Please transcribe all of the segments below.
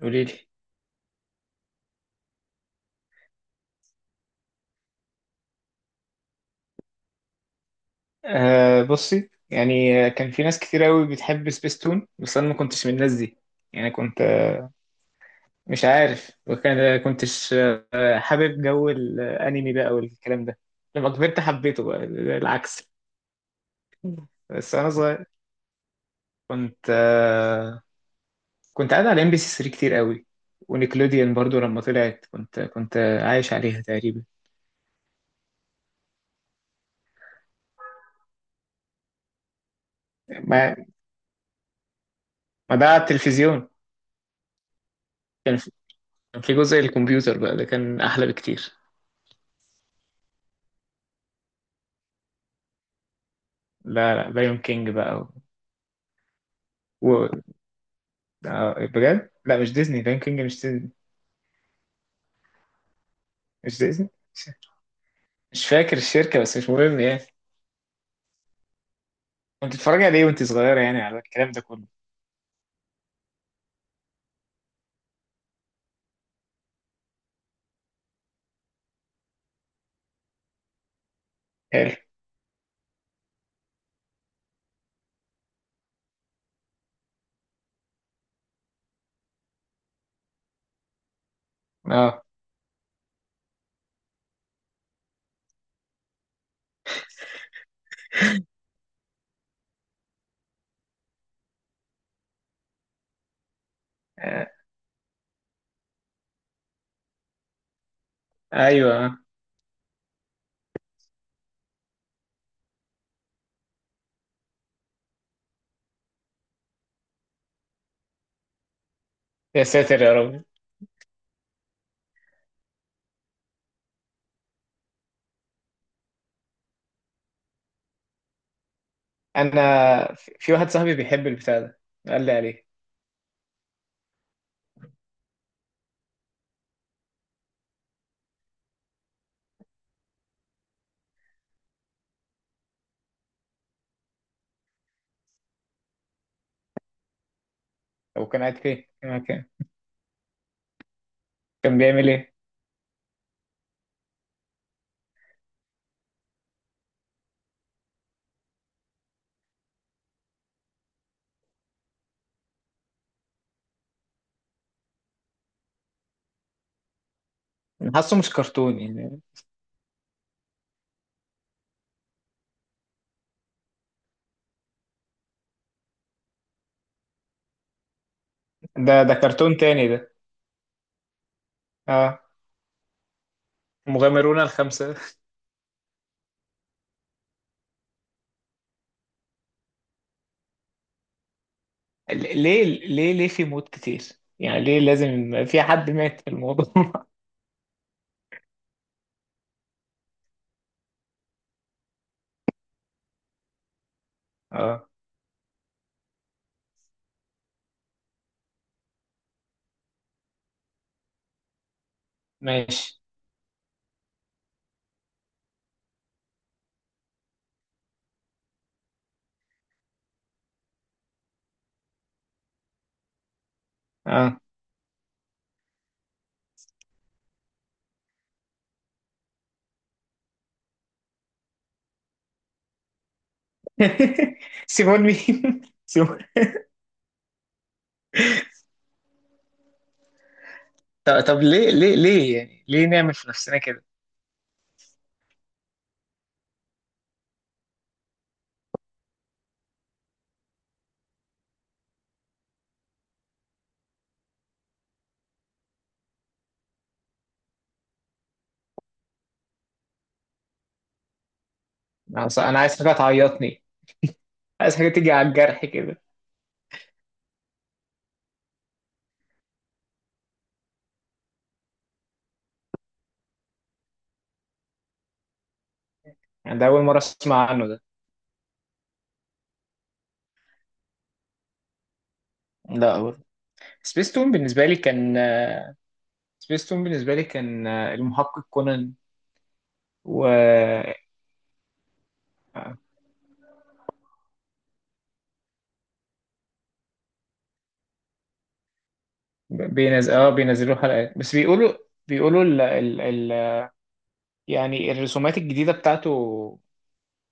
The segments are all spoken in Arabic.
قولي لي. بصي يعني كان في ناس كتير قوي بتحب سبيستون بس انا ما كنتش من الناس دي. يعني كنت مش عارف وكان كنتش حابب جو الانمي بقى والكلام ده. لما كبرت حبيته بقى العكس. بس انا صغير كنت قاعد على ام بي سي 3 كتير قوي ونيكلوديان برضو لما طلعت كنت عايش عليها تقريبا. ما ما ده على التلفزيون. كان في كان في جزء الكمبيوتر بقى ده كان احلى بكتير. لا لا بايون كينج بقى. آه، بجد لا مش ديزني، ليون كينج مش ديزني. مش ديزني، مش مش فاكر الشركة بس مش مهم يعني. كنت بتتفرجي عليه وانت صغيرة يعني على الكلام ده كله؟ حلو. اه. آه، ايوه. يا ساتر يا رب. انا في واحد صاحبي بيحب البتاع ده، قال لي عليه. هو كان قاعد فين؟ في مكان كان بيعمل ايه؟ أنا حاسه مش كرتون يعني. ده كرتون تاني ده. اه. مغامرون الخمسة. ليه في موت كتير؟ يعني ليه لازم يبقى في حد مات في الموضوع؟ اه ماشي. اه. سيبون مين؟ سيبون. طب ليه ليه ليه يعني ليه نعمل في نفسنا كده؟ أنا عايز حاجه تعيطني. عايز حاجه تيجي على الجرح كده. يعني ده اول مره اسمع عنه ده. لا برضه. سبيس تون بالنسبه لي كان سبيس تون بالنسبه لي كان المحقق كونان. و بينز... اه بينزلوا حلقات بس بيقولوا. بيقولوا يعني الرسومات الجديده بتاعته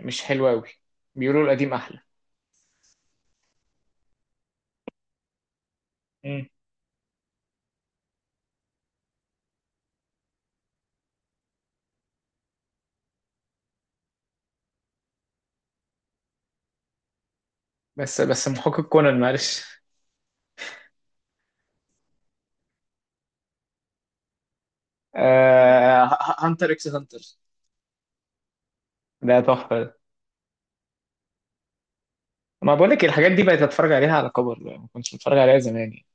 مش حلوه قوي. بيقولوا القديم احلى. مم. بس محقق كونان معلش. هانتر اكس هانتر. ده تحفه ده. ما بقول لك الحاجات دي بقيت اتفرج عليها على كبر، ما كنتش بتفرج عليها زمان يعني.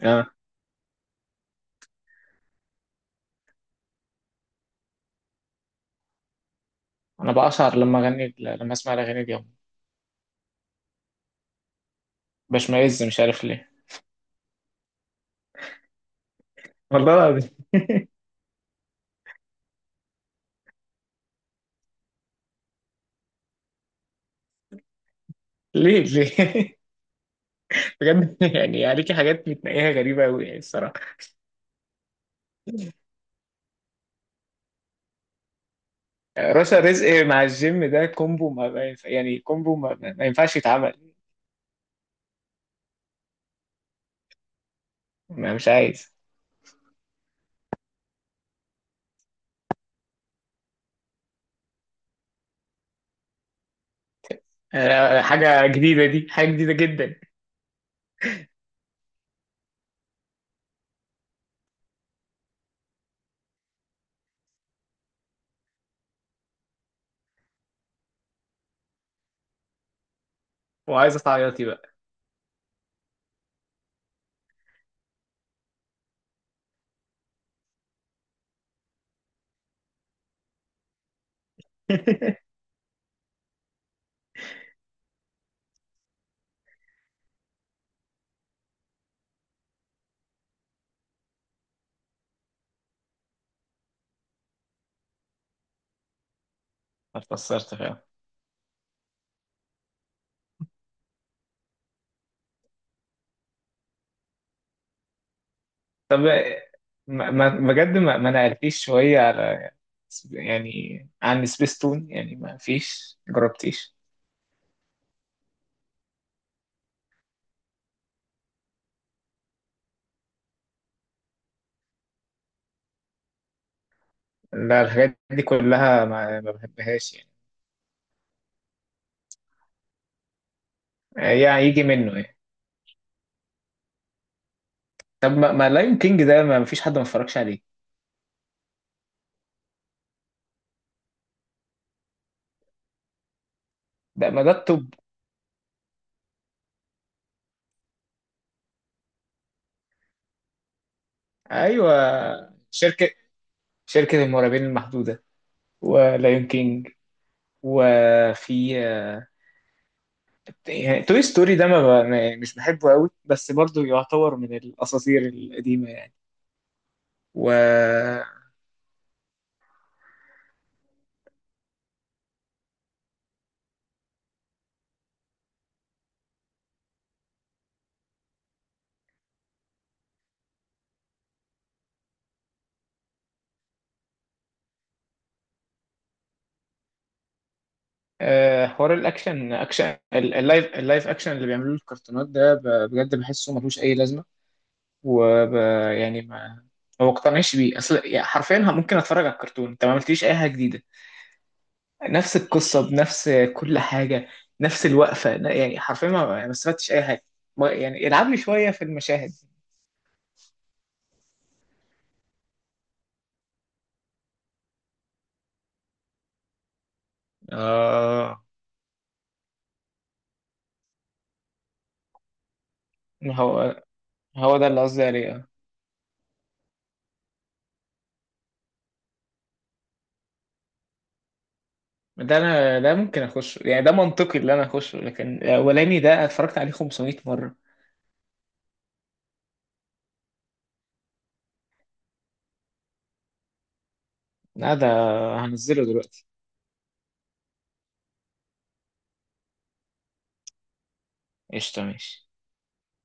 آه. انا بقشعر لما اسمع الاغاني دي. بشمئز مش عارف ليه. والله العظيم. ليه ليه؟ بجد يعني عليكي حاجات بتنقيها غريبة أوي يعني الصراحة. رشا رزق مع الجيم ده كومبو ما ينفع، يعني كومبو ما ينفعش يتعمل. ما مش عايز. حاجة جديدة دي حاجة جديدة جدا. وعايز تعيطي بقى؟ اتأثرت فعلا. طب بجد ما نقلتيش شوية على، يعني عن سبيستون، يعني ما فيش جربتيش. لا الحاجات دي كلها ما بحبهاش يعني. يعني يجي منه يعني. طب ما لاين كينج ده ما فيش حد ما اتفرجش عليه؟ ده ما ده الطب. ايوه. شركة شركة المرعبين المحدودة. ولايون كينج. وفي. يعني توي ستوري ده ما ب- ما- مش بحبه قوي بس برضو يعتبر من الاساطير القديمة يعني. و حوار الاكشن اكشن ال- اللايف اللايف اكشن اللي بيعملوه الكرتونات ده بجد بحسه ملوش اي لازمه. وب يعني ما بقتنعش بيه، اصل يعني حرفيا ممكن اتفرج على الكرتون انت ما عملتليش اي حاجه جديده. نفس القصه بنفس كل حاجه، نفس الوقفه يعني حرفيا ما استفدتش اي حاجه. يعني العبني شويه في المشاهد. اه. هو هو ده اللي قصدي عليه. ده انا ده ممكن اخشه يعني ده منطقي اللي انا اخشه، لكن الاولاني ده اتفرجت عليه 500 مره. لا ده هنزله دلوقتي. قشطة ماشي.